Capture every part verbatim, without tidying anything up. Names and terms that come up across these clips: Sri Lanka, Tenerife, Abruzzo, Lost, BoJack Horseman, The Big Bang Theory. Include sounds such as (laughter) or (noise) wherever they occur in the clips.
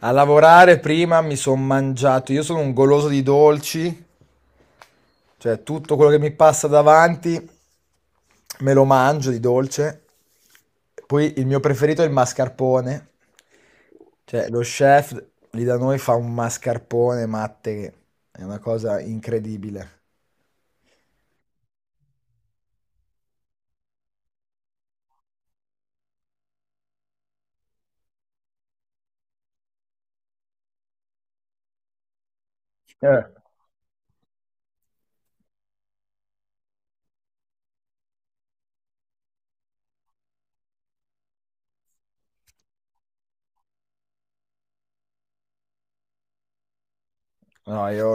A lavorare prima mi sono mangiato, io sono un goloso di dolci, cioè tutto quello che mi passa davanti me lo mangio di dolce. Poi il mio preferito è il mascarpone, cioè lo chef lì da noi fa un mascarpone matte che è una cosa incredibile. Eh. No, io,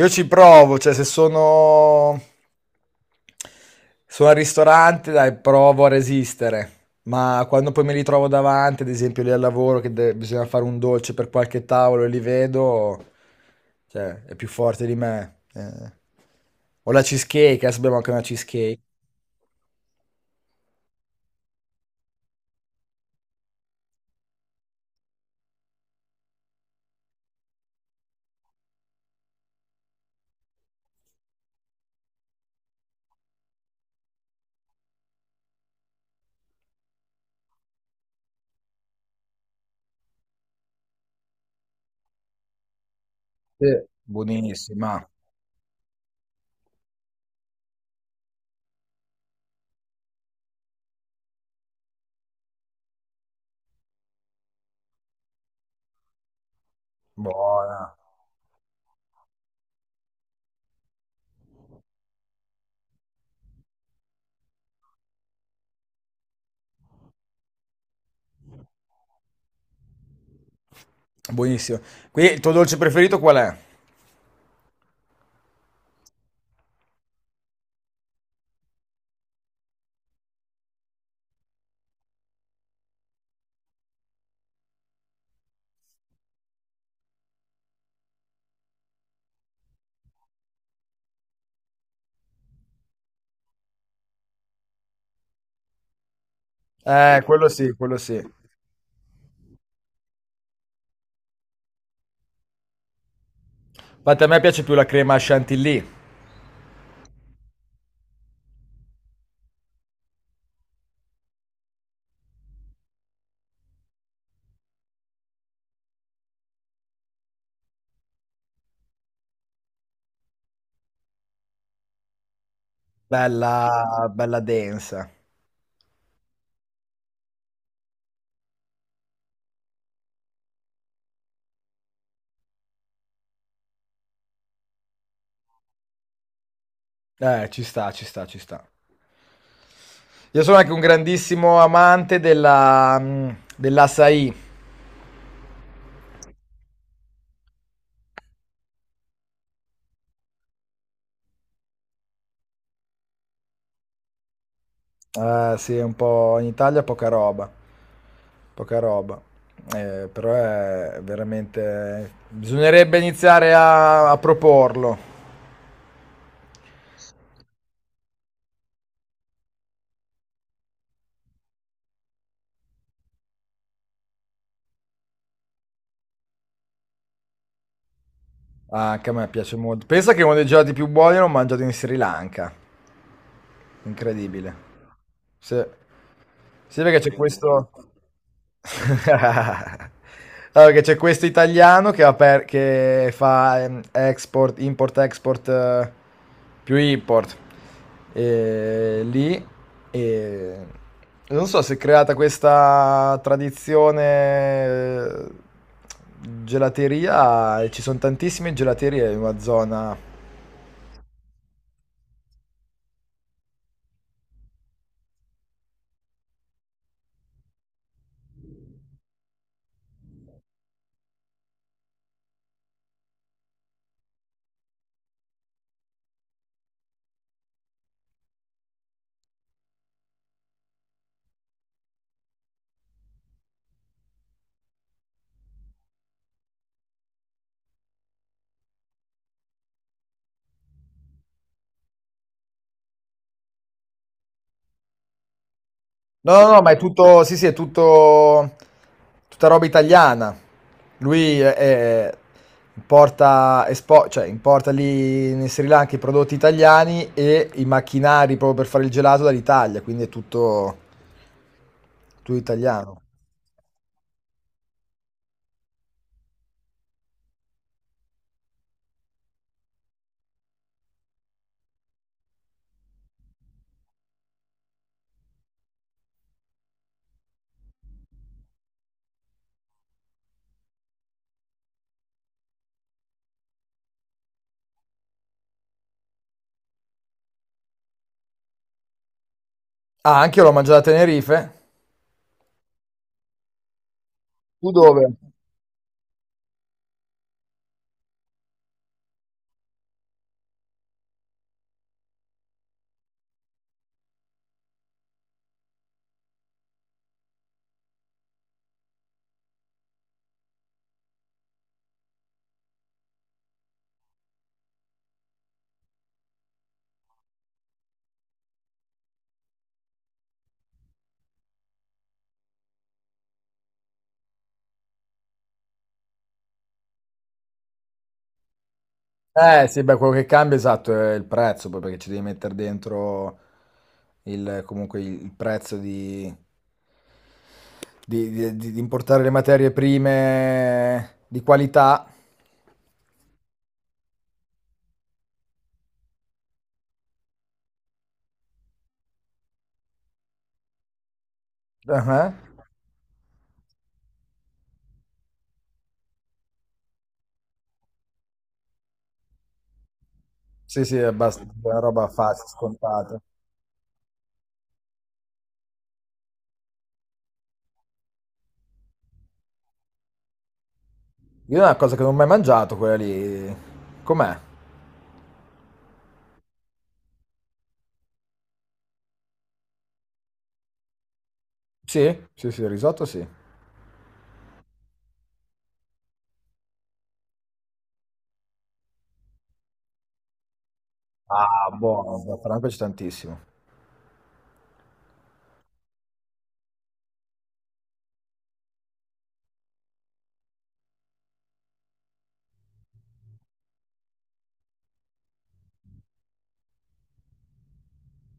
io ci provo, cioè se sono, sono al ristorante, dai, provo a resistere, ma quando poi mi ritrovo davanti, ad esempio lì al lavoro, che de- bisogna fare un dolce per qualche tavolo e li vedo, cioè è più forte di me. eh. O la cheesecake, adesso abbiamo anche una cheesecake. Sì. Buonissima, buona, buonissima. Qui il tuo dolce preferito qual è? Eh, quello sì, quello sì. Infatti a me piace più la crema chantilly. Bella, bella densa. Eh, ci sta, ci sta, ci sta. Io sono anche un grandissimo amante della, mm, dell'açaí. Eh, sì, un po' in Italia poca roba. Poca roba. Eh, però è veramente. Bisognerebbe iniziare a, a proporlo. Ah, Anche a me piace molto. Pensa che uno dei gelati più buoni l'ho mangiato in Sri Lanka. Incredibile. Sì. Sì, perché c'è Incredibile. Questo. (laughs) Allora, che c'è questo italiano che, ha per- che fa ehm, export, import-export, eh, più import e, lì e non so se è creata questa tradizione, eh, gelateria, e ci sono tantissime gelaterie in una zona. No, no, no, ma è tutto, sì, sì, è tutto, tutta roba italiana. Lui è- è- importa, espo- cioè, importa lì in Sri Lanka i prodotti italiani e i macchinari proprio per fare il gelato dall'Italia, quindi è tutto, tutto italiano. Ah, anche io l'ho mangiato a Tenerife. Tu dove? Eh, sì, beh, quello che cambia esatto è il prezzo, poi perché ci devi mettere dentro il, comunque il il prezzo di, Di di di di importare le materie prime di qualità. Ah-ah. Sì, sì, è abbast una roba facile, scontata. Io è una cosa che non ho mai mangiato quella lì. Com'è? Sì? Sì, sì, il risotto sì. Ah, buono, zafferano mi piace tantissimo.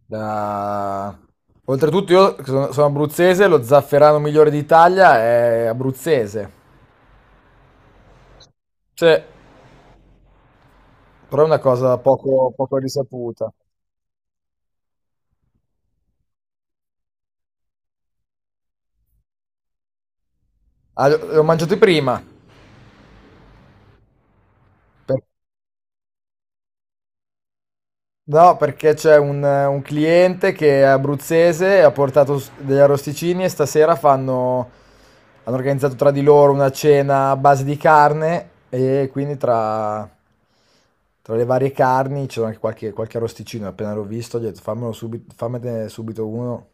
Da... Oltretutto io che sono, sono abruzzese, lo zafferano migliore d'Italia è abruzzese. Sì, però è una cosa poco, poco risaputa. Ah, l'ho l'ho mangiato prima. No, perché c'è un, un cliente che è abruzzese e ha portato s- degli arrosticini e stasera fanno, hanno organizzato tra di loro una cena a base di carne e quindi tra, tra le varie carni c'era anche qualche, qualche arrosticino. Appena l'ho visto, gli ho detto fammelo subito, fammene subito uno.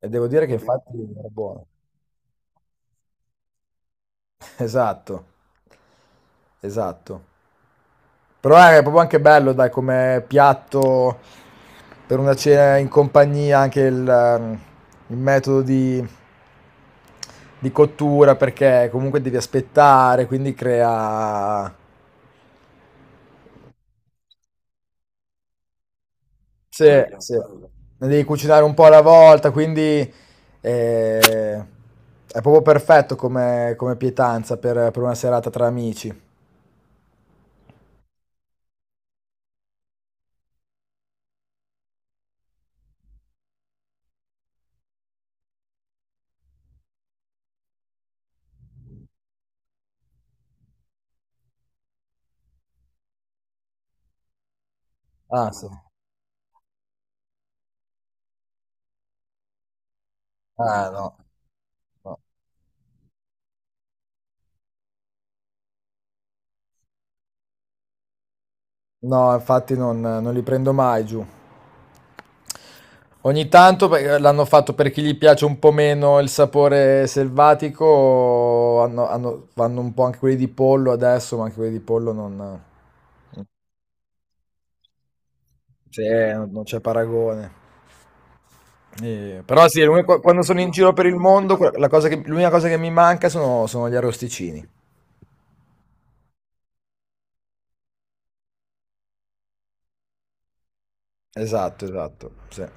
E devo dire che infatti era buono. (laughs) Esatto, esatto. Però è proprio anche bello, dai, come piatto per una cena in compagnia, anche il, ehm, il metodo di, di cottura, perché comunque devi aspettare, quindi crea. Sì, Bello, sì. bello. Ne devi cucinare un po' alla volta, quindi eh, è proprio perfetto come, come pietanza per, per una serata tra amici. Ah, sì. No, no, Ah, no, no. No, No, infatti non non li prendo mai giù. Ogni tanto perché l'hanno fatto per chi gli piace un po' meno il sapore selvatico, hanno- hanno- vanno un po' anche quelli di pollo adesso, ma anche quelli di pollo non, sì, non non c'è paragone. Eh, però sì, l'unico- quando sono in giro per il mondo, que- la cosa che- l'unica cosa che mi manca sono, sono gli arrosticini. Esatto, esatto, sì.